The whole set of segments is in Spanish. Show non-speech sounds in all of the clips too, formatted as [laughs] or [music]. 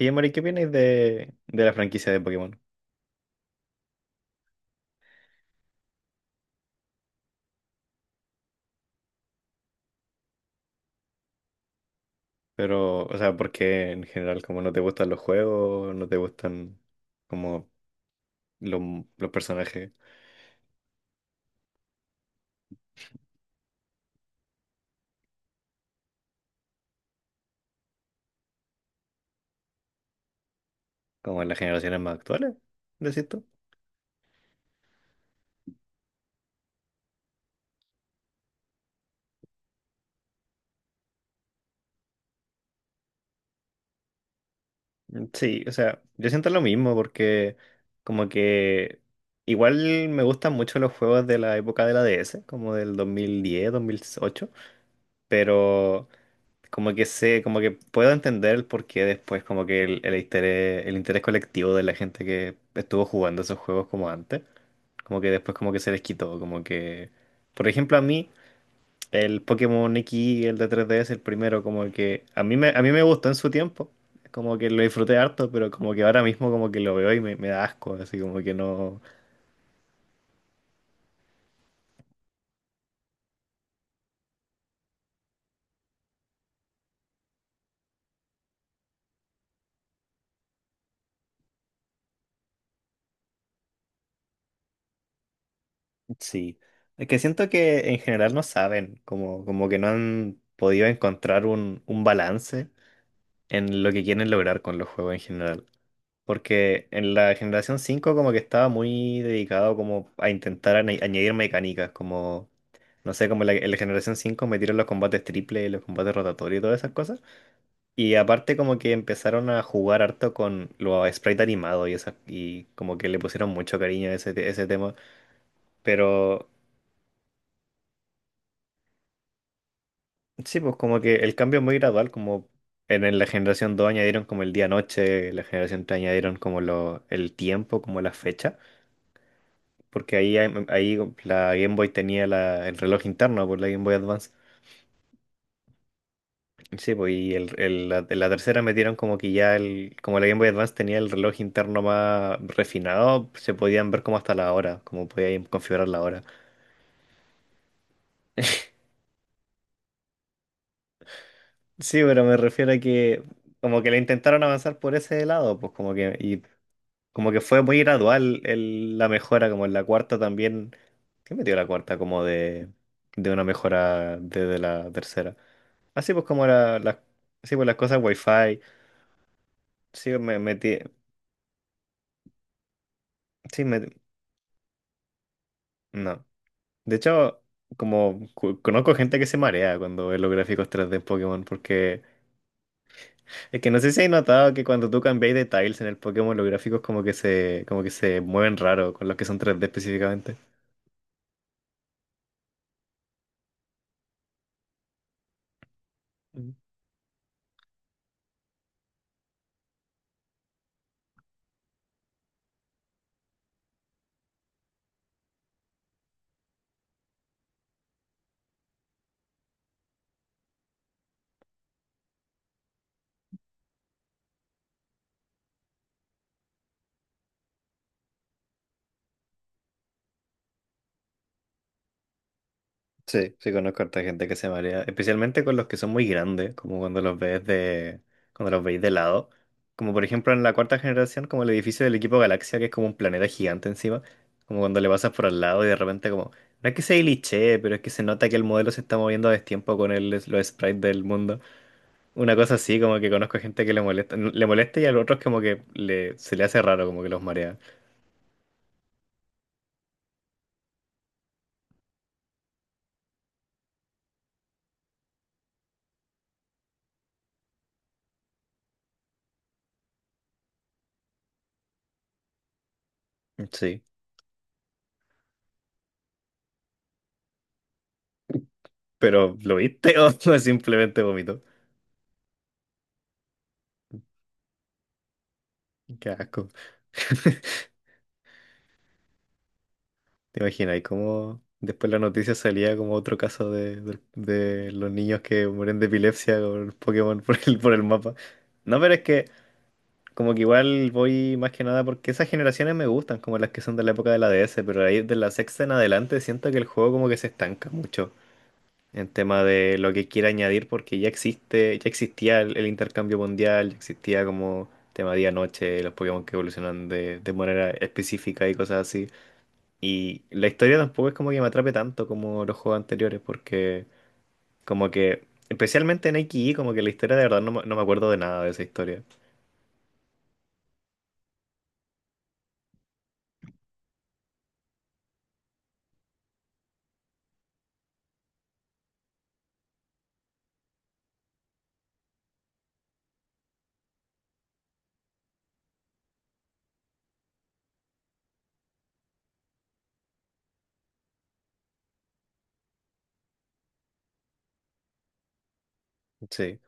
Oye, Mari, ¿qué opináis de la franquicia de Pokémon? Pero, o sea, porque en general como no te gustan los juegos, no te gustan como los, los personajes como en las generaciones más actuales, ¿decís tú? Mm, sí, o sea, yo siento lo mismo porque como que igual me gustan mucho los juegos de la época de la DS, como del 2010 2008, pero... Como que sé, como que puedo entender el porqué después, como que el interés, el interés colectivo de la gente que estuvo jugando esos juegos como antes, como que después como que se les quitó, como que, por ejemplo, a mí el Pokémon X, el de 3DS el primero, como que a mí me gustó en su tiempo, como que lo disfruté harto, pero como que ahora mismo como que lo veo y me da asco, así como que no, sí. Es que siento que en general no saben, como, como que no han podido encontrar un balance en lo que quieren lograr con los juegos en general. Porque en la generación 5 como que estaba muy dedicado como a intentar añadir mecánicas, como, no sé, en la generación 5 metieron los combates triple, los combates rotatorios y todas esas cosas. Y aparte como que empezaron a jugar harto con los sprites animados y, esas, y como que le pusieron mucho cariño a ese tema. Pero sí, pues como que el cambio es muy gradual, como en la generación 2 añadieron como el día-noche, la generación 3 añadieron como lo, el tiempo, como la fecha, porque ahí la Game Boy tenía la, el reloj interno por la Game Boy Advance. Sí, pues y la tercera metieron como que ya el, como la Game Boy Advance tenía el reloj interno más refinado, se podían ver como hasta la hora, como podían configurar la hora. Sí, pero me refiero a que como que le intentaron avanzar por ese lado, pues como que y como que fue muy gradual la mejora, como en la cuarta también. ¿Qué metió la cuarta? Como de una mejora desde la tercera. Así pues así pues las cosas Wi-Fi. Sí, me metí. Sí, me, no. De hecho, como conozco gente que se marea cuando ve los gráficos 3D en Pokémon, porque es que no sé si hay notado que cuando tú cambiáis de tiles en el Pokémon, los gráficos como que se mueven raro con los que son 3D específicamente. Sí, sí conozco a harta gente que se marea, especialmente con los que son muy grandes, como cuando los veis de lado. Como por ejemplo en la cuarta generación, como el edificio del equipo Galaxia, que es como un planeta gigante encima, como cuando le pasas por al lado y de repente como, no es que se glitchee, pero es que se nota que el modelo se está moviendo a destiempo con los sprites del mundo. Una cosa así, como que conozco gente que le molesta y a los otros como que se le hace raro, como que los marea. Sí, pero ¿lo viste [laughs] o simplemente vomito? Qué asco. [laughs] ¿Te imaginas? Y cómo después la noticia salía como otro caso de los niños que mueren de epilepsia con el Pokémon [laughs] por el mapa. No, pero es que como que igual voy más que nada porque esas generaciones me gustan, como las que son de la época de la DS, pero ahí de la sexta en adelante siento que el juego como que se estanca mucho en tema de lo que quiere añadir porque ya existía el intercambio mundial, ya existía como tema día-noche, los Pokémon que evolucionan de manera específica y cosas así. Y la historia tampoco es como que me atrape tanto como los juegos anteriores, porque como que, especialmente en Ikki, como que la historia de verdad no me acuerdo de nada de esa historia. Sí.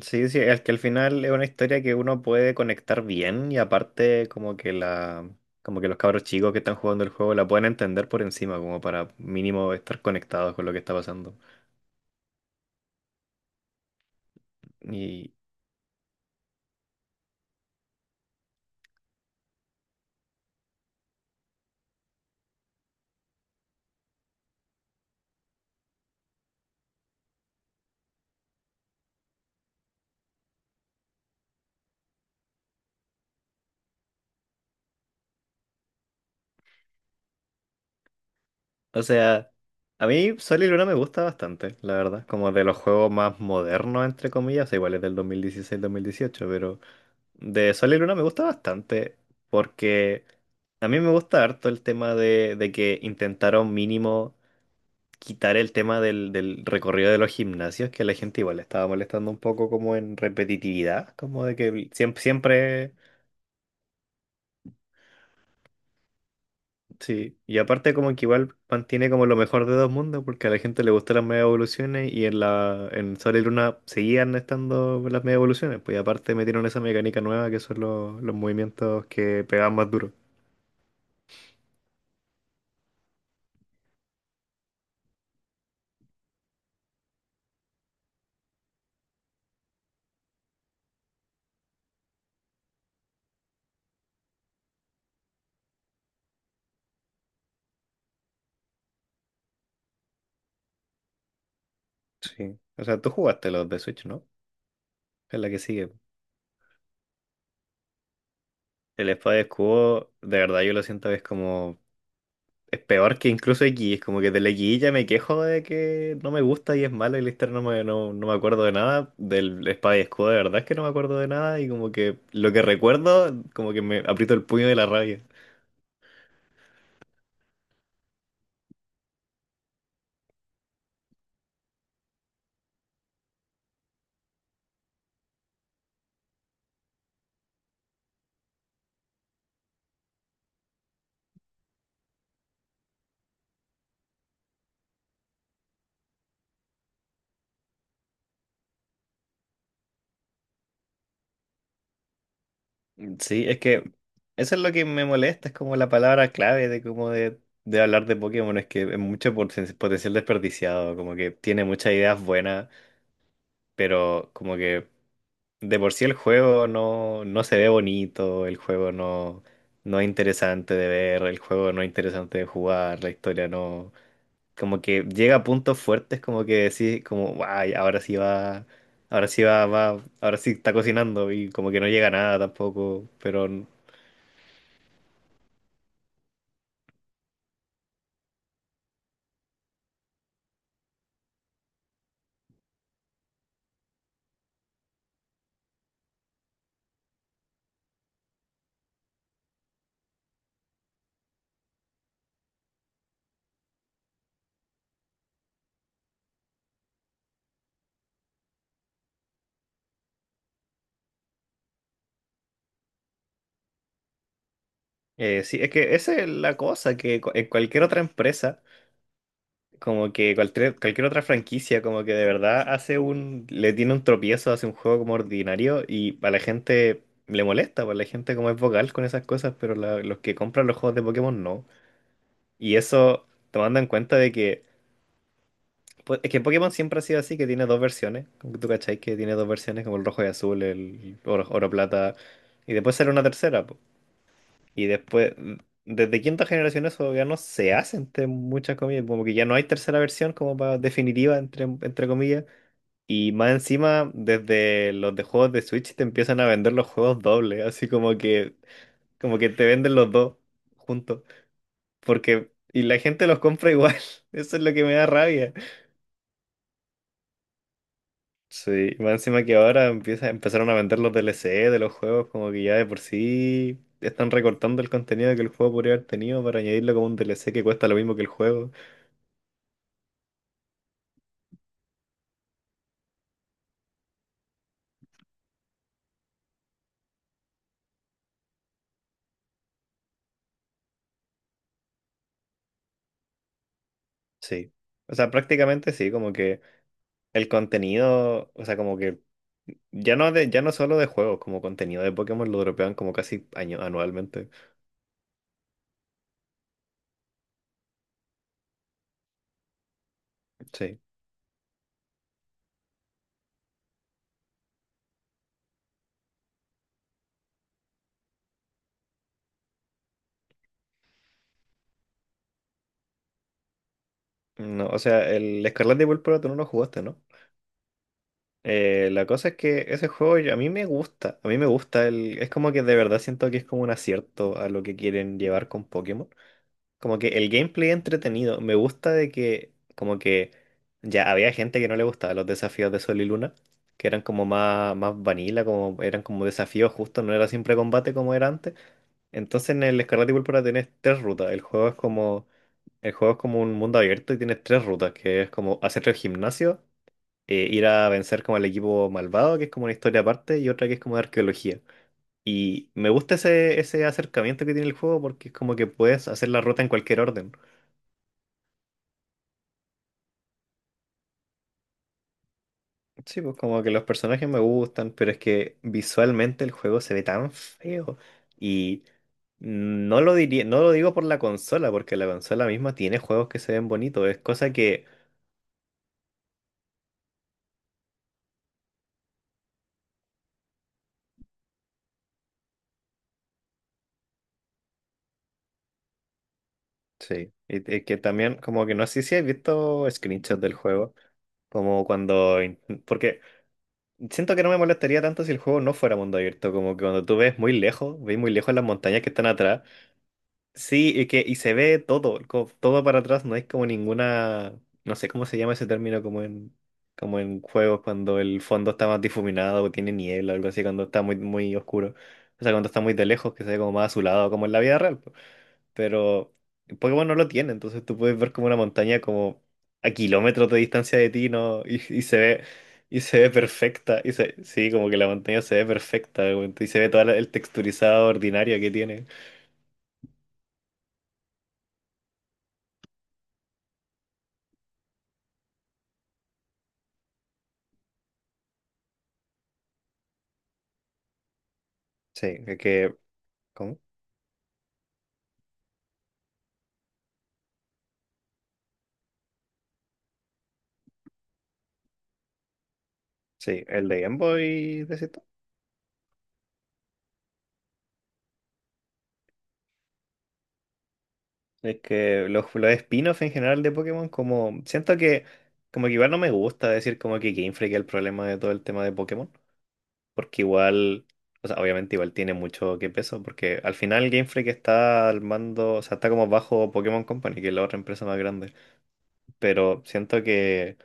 Sí, sí, es que al final es una historia que uno puede conectar bien y aparte como que los cabros chicos que están jugando el juego la pueden entender por encima, como para mínimo estar conectados con lo que está pasando. O sea, a mí Sol y Luna me gusta bastante, la verdad. Como de los juegos más modernos, entre comillas, o sea, igual es del 2016 mil dieciocho, pero de Sol y Luna me gusta bastante porque a mí me gusta harto el tema de que intentaron mínimo quitar el tema del recorrido de los gimnasios, que a la gente igual le estaba molestando un poco como en repetitividad, como de que siempre, siempre... Sí, y aparte como que igual mantiene como lo mejor de dos mundos, porque a la gente le gustan las mega evoluciones y en Sol y Luna seguían estando las mega evoluciones, pues y aparte metieron esa mecánica nueva que son los movimientos que pegan más duro. Sí. O sea, tú jugaste los de Switch, ¿no? Es la que sigue. El Espada y Escudo, de verdad yo lo siento que es como es peor que incluso X, es como que de la X ya me quejo de que no me gusta y es malo y Lister no me acuerdo de nada. Del Espada y Escudo de verdad es que no me acuerdo de nada y como que lo que recuerdo como que me aprieto el puño de la rabia. Sí, es que eso es lo que me molesta, es como la palabra clave de como de hablar de Pokémon, es que es mucho potencial desperdiciado, como que tiene muchas ideas buenas, pero como que de por sí el juego no se ve bonito, el juego no es interesante de ver, el juego no es interesante de jugar, la historia no... Como que llega a puntos fuertes como que decís como, guay, ahora sí va, ahora sí va, ahora sí está cocinando y como que no llega a nada tampoco, pero... Sí, es que esa es la cosa, que en cualquier otra empresa, como que cualquier otra franquicia, como que de verdad le tiene un tropiezo, hace un juego como ordinario y a la gente le molesta, pues la gente como es vocal con esas cosas, pero los que compran los juegos de Pokémon no. Y eso tomando en cuenta de que, pues, es que Pokémon siempre ha sido así, que tiene dos versiones, como que tú cachai que tiene dos versiones, como el rojo y azul, el oro, oro plata, y después sale una tercera, y después, desde quinta generación eso ya no se hace entre muchas comillas, como que ya no hay tercera versión como para definitiva entre comillas. Y más encima, desde los de juegos de Switch te empiezan a vender los juegos dobles, así como que te venden los dos juntos. Porque, y la gente los compra igual. [laughs] Eso es lo que me da rabia. Sí, más encima que ahora empezaron a vender los DLC de los juegos, como que ya de por sí están recortando el contenido que el juego podría haber tenido para añadirlo como un DLC que cuesta lo mismo que el juego. Sí. O sea, prácticamente sí, como que el contenido, o sea, como que ya no solo de juegos, como contenido de Pokémon lo dropean como casi anualmente. Sí. No, o sea, el Escarlata y Púrpura tú no lo jugaste, ¿no? La cosa es que ese juego a mí me gusta, a mí me gusta, es como que de verdad siento que es como un acierto a lo que quieren llevar con Pokémon. Como que el gameplay entretenido, me gusta de que como que ya había gente que no le gustaba los desafíos de Sol y Luna, que eran como más vanilla, como eran como desafíos justos, no era siempre combate como era antes. Entonces en el Escarlata y Púrpura tienes tres rutas, el juego es como un mundo abierto y tienes tres rutas, que es como hacer el gimnasio, ir a vencer como al equipo malvado, que es como una historia aparte, y otra que es como de arqueología. Y me gusta ese acercamiento que tiene el juego porque es como que puedes hacer la ruta en cualquier orden. Sí, pues como que los personajes me gustan, pero es que visualmente el juego se ve tan feo. Y no lo digo por la consola, porque la consola misma tiene juegos que se ven bonitos. Es cosa que, sí, y que también como que no sé si has visto screenshots del juego. Como cuando, in- porque Siento que no me molestaría tanto si el juego no fuera mundo abierto, como que cuando tú ves muy lejos las montañas que están atrás. Sí, y se ve todo, todo para atrás, no hay como ninguna, no sé cómo se llama ese término como en juegos cuando el fondo está más difuminado o tiene niebla o algo así, cuando está muy muy oscuro. O sea, cuando está muy de lejos, que se ve como más azulado, como en la vida real, pero Pokémon no lo tiene, entonces tú puedes ver como una montaña como a kilómetros de distancia de ti, ¿no? Y se ve, y se ve perfecta, sí, como que la montaña se ve perfecta, güey, y se ve todo el texturizado ordinario que tiene. Sí, es que, ¿cómo? Sí, el de Game Boy, decís tú. Es que los spin-offs en general de Pokémon, como siento que como que igual no me gusta decir como que Game Freak es el problema de todo el tema de Pokémon. Porque igual, o sea, obviamente igual tiene mucho que peso, porque al final Game Freak está al mando, o sea, está como bajo Pokémon Company, que es la otra empresa más grande, pero siento que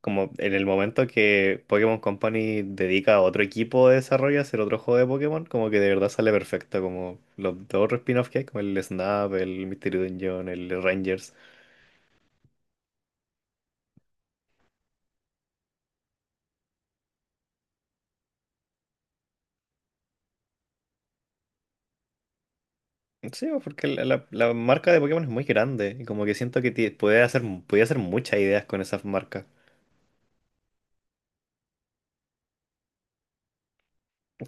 como en el momento que Pokémon Company dedica a otro equipo de desarrollo a hacer otro juego de Pokémon, como que de verdad sale perfecto, como los dos otros spin-offs que hay, como el Snap, el Mystery Dungeon, el Rangers. Sí, pues, porque la marca de Pokémon es muy grande y como que siento que puede hacer muchas ideas con esas marcas.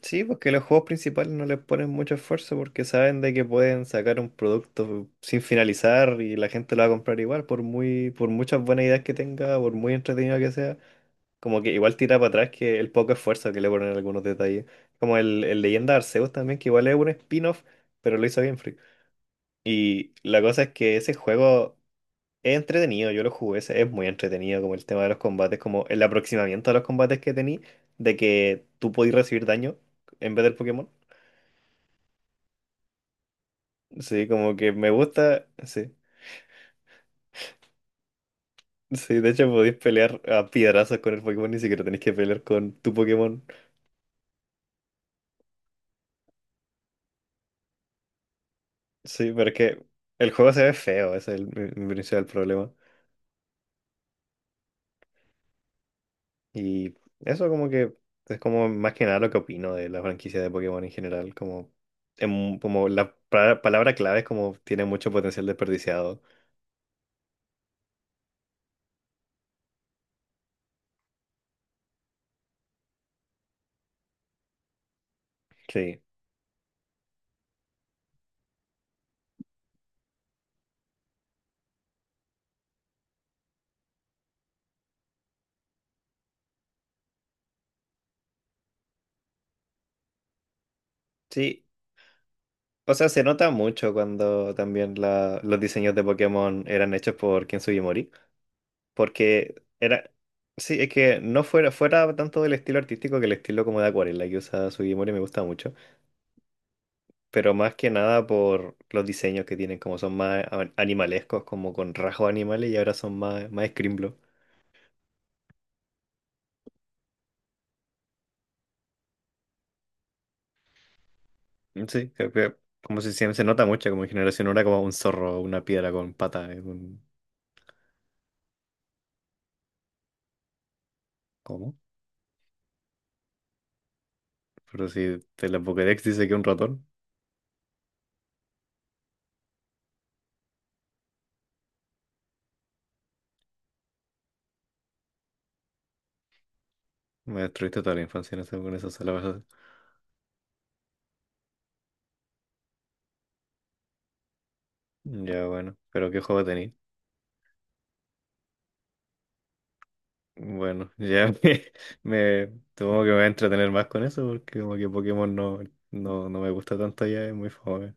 Sí, porque los juegos principales no les ponen mucho esfuerzo porque saben de que pueden sacar un producto sin finalizar y la gente lo va a comprar igual, por muy, por muchas buenas ideas que tenga, por muy entretenido que sea, como que igual tira para atrás que el poco esfuerzo que le ponen en algunos detalles. Como el Leyenda de Arceus también, que igual es un spin-off, pero lo hizo bien Free. Y la cosa es que ese juego es entretenido, yo lo jugué, ese es muy entretenido, como el tema de los combates, como el aproximamiento a los combates que tení, de que tú podías recibir daño en vez del Pokémon. Sí, como que me gusta. Sí. Sí, de hecho podéis pelear a piedrazos con el Pokémon, ni siquiera tenéis que pelear con tu Pokémon. Sí, pero es que el juego se ve feo, ese es el, mi principal problema. Y eso como que es como más que nada lo que opino de la franquicia de Pokémon en general. Como, palabra clave es como tiene mucho potencial desperdiciado. Sí. Sí. O sea, se nota mucho cuando también los diseños de Pokémon eran hechos por Ken Sugimori. Porque era. Sí, es que no fuera, fuera tanto del estilo artístico, que el estilo como de acuarela que usa Sugimori me gusta mucho. Pero más que nada por los diseños que tienen, como son más animalescos, como con rasgos animales y ahora son más, más Scrimblow. Sí, creo que como si se, se nota mucho, como en generación ahora como un zorro, una piedra con pata, es un. ¿Cómo? Pero si te la Pokédex dice que un ratón, me destruiste toda la infancia en con esas palabras. Ya bueno, pero ¿qué juego tenéis? Bueno, ya [laughs] supongo que me voy a entretener más con eso porque como que Pokémon no, no, no me gusta tanto ya, es muy famoso.